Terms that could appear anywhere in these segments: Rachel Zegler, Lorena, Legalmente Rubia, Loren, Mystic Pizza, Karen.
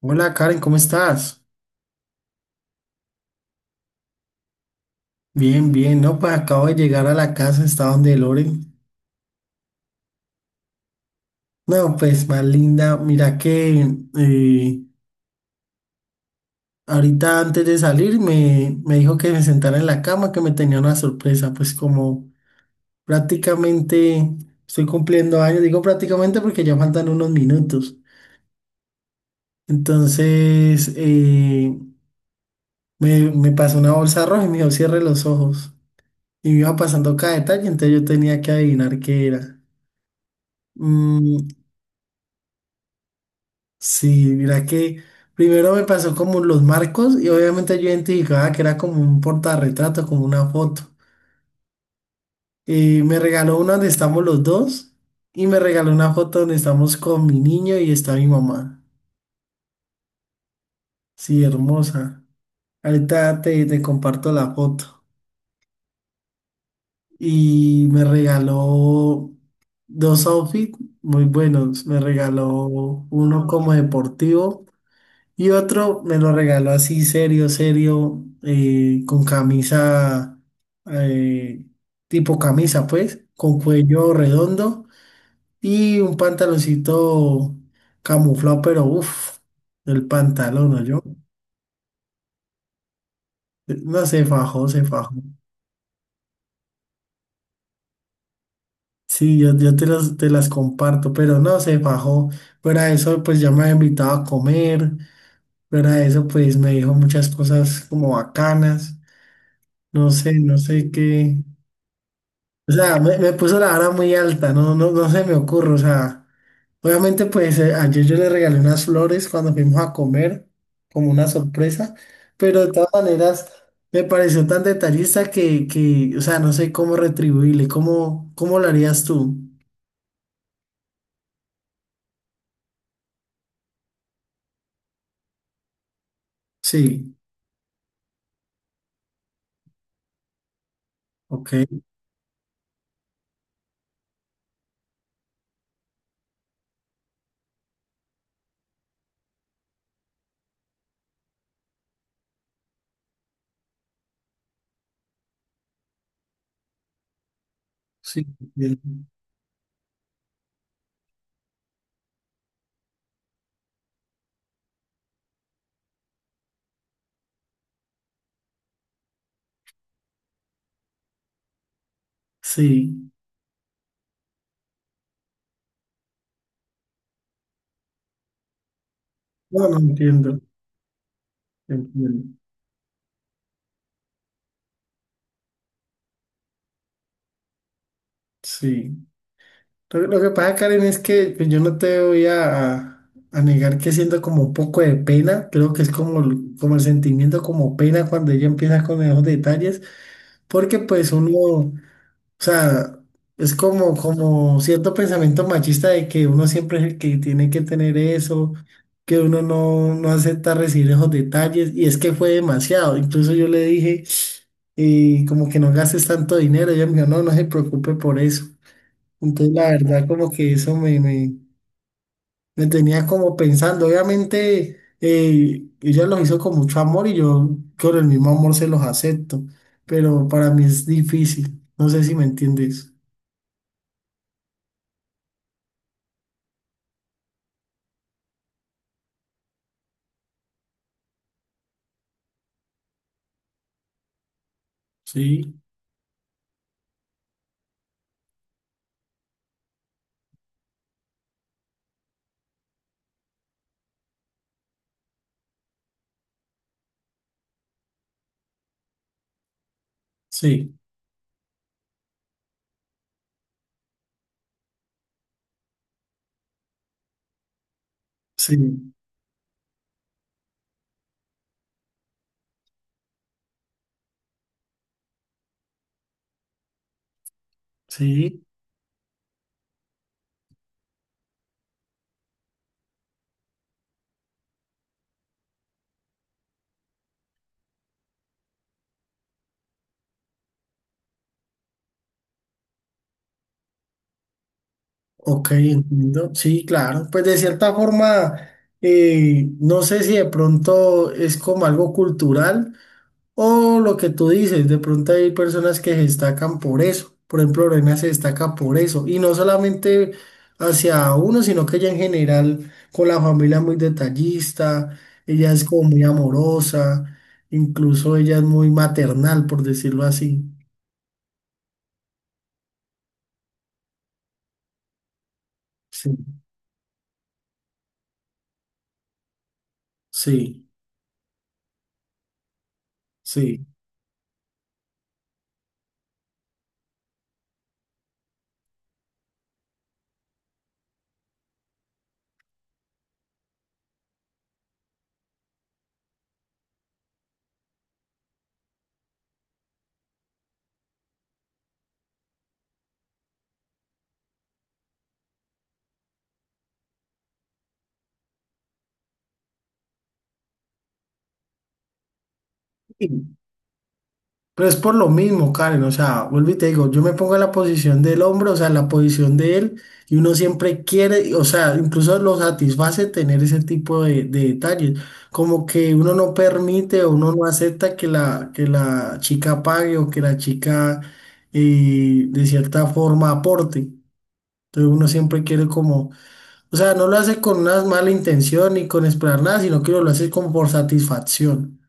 Hola, Karen, ¿cómo estás? Bien, bien, no, pues acabo de llegar a la casa, está donde Loren. No, pues más linda, mira que eh, ahorita antes de salir me dijo que me sentara en la cama, que me tenía una sorpresa, pues como prácticamente estoy cumpliendo años, digo prácticamente porque ya faltan unos minutos. Entonces, me pasó una bolsa roja y me dijo cierre los ojos. Y me iba pasando cada detalle, entonces yo tenía que adivinar qué era. Mm. Sí, mira que primero me pasó como los marcos y obviamente yo identificaba que era como un portarretrato, como una foto. Y me regaló una donde estamos los dos, y me regaló una foto donde estamos con mi niño y está mi mamá. Sí, hermosa. Ahorita te comparto la foto. Y me regaló dos outfits muy buenos. Me regaló uno como deportivo. Y otro me lo regaló así, serio, serio, con camisa, eh, tipo camisa, pues, con cuello redondo y un pantaloncito camuflado, pero uff, el pantalón, yo. No, se fajó, se fajó. Sí, yo te las comparto, pero no, se fajó. Fuera de eso, pues ya me había invitado a comer. Fuera de eso, pues me dijo muchas cosas como bacanas. No sé, no sé qué. O sea, me puso la vara muy alta, no, no, no se me ocurre. O sea, obviamente, pues ayer yo le regalé unas flores cuando fuimos a comer, como una sorpresa, pero de todas maneras me pareció tan detallista que o sea, no sé cómo retribuirle, cómo, cómo lo harías tú. Sí, ok, sí, entiendo. Sí, no, no entiendo, entiendo, sí. Lo que pasa, Karen, es que pues, yo no te voy a, a negar que siento como un poco de pena, creo que es como, como el sentimiento como pena cuando ella empieza con esos detalles, porque pues uno, o sea, es como, como cierto pensamiento machista de que uno siempre es el que tiene que tener eso, que uno no, no acepta recibir esos detalles, y es que fue demasiado, incluso yo le dije, como que no gastes tanto dinero, ella me dijo, no, no se preocupe por eso. Entonces, la verdad, como que eso me, me tenía como pensando. Obviamente, ella los hizo con mucho amor y yo con el mismo amor se los acepto, pero para mí es difícil. No sé si me entiendes. Sí, sí, sí, sí. Ok, entiendo. Sí, claro. Pues de cierta forma, no sé si de pronto es como algo cultural, o lo que tú dices, de pronto hay personas que se destacan por eso. Por ejemplo, Lorena se destaca por eso. Y no solamente hacia uno, sino que ella en general con la familia es muy detallista, ella es como muy amorosa, incluso ella es muy maternal, por decirlo así. Sí, sí, sí. Pero es por lo mismo, Karen, o sea, vuelvo y te digo, yo me pongo en la posición del hombre, o sea, en la posición de él, y uno siempre quiere, o sea, incluso lo satisface tener ese tipo de detalles, como que uno no permite o uno no acepta que la chica pague o que la chica de cierta forma aporte. Entonces uno siempre quiere como, o sea, no lo hace con una mala intención ni con esperar nada, sino que uno lo hace como por satisfacción.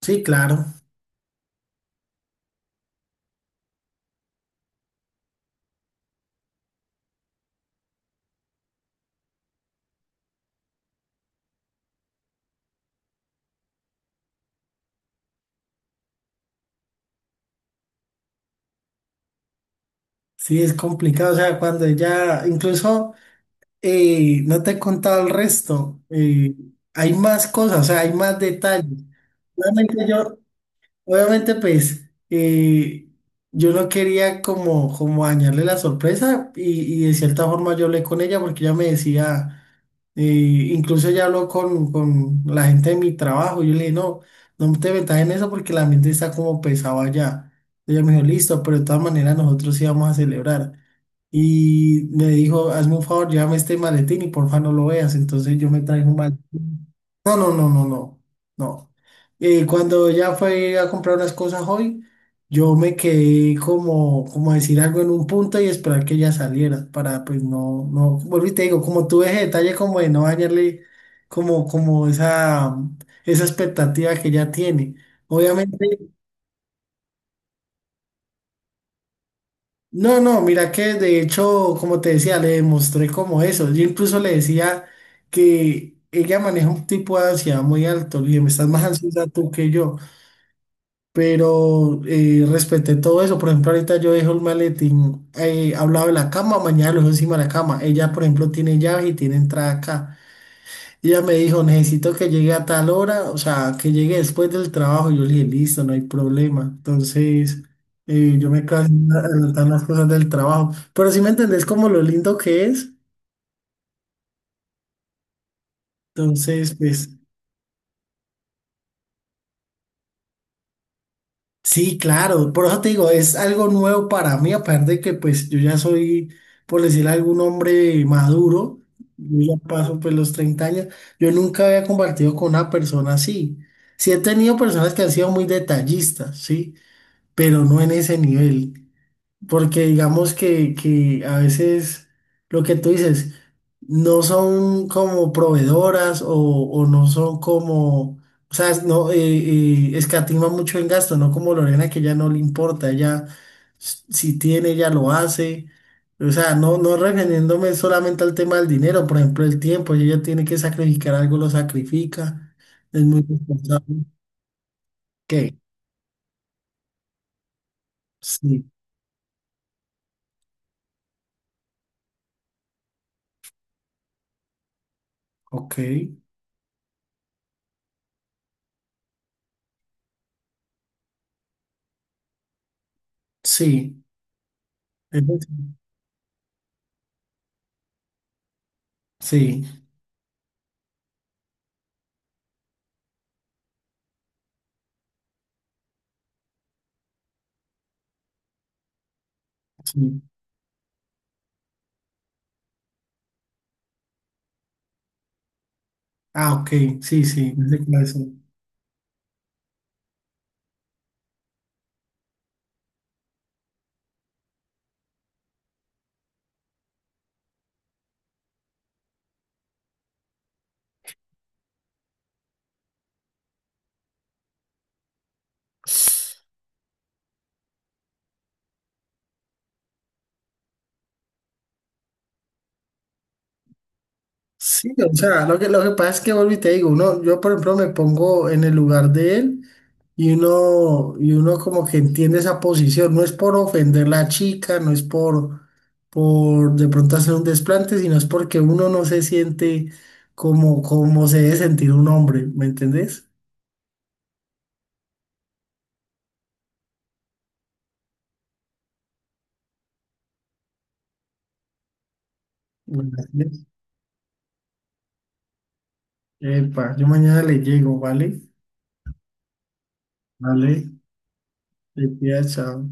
Sí, claro. Sí, es complicado, o sea, cuando ya, incluso no te he contado el resto, hay más cosas, o sea, hay más detalles. Realmente yo. Obviamente, pues yo no quería como, como dañarle la sorpresa y de cierta forma yo hablé con ella porque ella me decía, incluso ella habló con la gente de mi trabajo, yo le dije, no, no te metas en eso porque la mente está como pesado allá. Ella me dijo, listo, pero de todas maneras nosotros íbamos a celebrar. Y me dijo, hazme un favor, llévame este maletín y porfa no lo veas. Entonces yo me traje un maletín. No, no, no, no, no, no. Cuando ya fue a comprar unas cosas hoy, yo me quedé como, como decir algo en un punto y esperar que ella saliera para pues no, no, vuelvo y te digo, como tuve ese detalle como de no dañarle como, como esa expectativa que ella tiene. Obviamente, no, no, mira que de hecho, como te decía, le demostré como eso. Yo incluso le decía que ella maneja un tipo de ansiedad muy alto, le dije, me estás más ansiosa tú que yo. Pero respeté todo eso. Por ejemplo, ahorita yo dejo el maletín al lado de la cama, mañana lo dejo encima de la cama. Ella, por ejemplo, tiene llave y tiene entrada acá. Ella me dijo, necesito que llegue a tal hora, o sea, que llegue después del trabajo. Yo le dije, listo, no hay problema. Entonces, yo me quedo adelantando las cosas del trabajo. Pero si me entendés como lo lindo que es, entonces, pues. Sí, claro, por eso te digo, es algo nuevo para mí, aparte de que pues yo ya soy, por decir algún hombre maduro, yo ya paso pues los 30 años, yo nunca había compartido con una persona así. Sí he tenido personas que han sido muy detallistas, sí, pero no en ese nivel. Porque digamos que a veces lo que tú dices, no son como proveedoras o no son como, o sea, no, escatima mucho en gasto, no como Lorena que ya no le importa, ella si tiene, ella lo hace. O sea, no, no refiriéndome solamente al tema del dinero, por ejemplo, el tiempo, si ella tiene que sacrificar algo, lo sacrifica, es muy responsable. ¿Qué? Sí, ok, sí, eso sí, sí. Ah, ok, sí, sí, no sé cuáles son. Sí, o sea, lo que pasa es que vuelvo y te digo, uno, yo por ejemplo me pongo en el lugar de él y uno como que entiende esa posición, no es por ofender la chica, no es por de pronto hacer un desplante, sino es porque uno no se siente como, como se debe sentir un hombre, ¿me entendés? Gracias. Epa, yo mañana le llego, ¿vale? Vale, te cuidas, chao.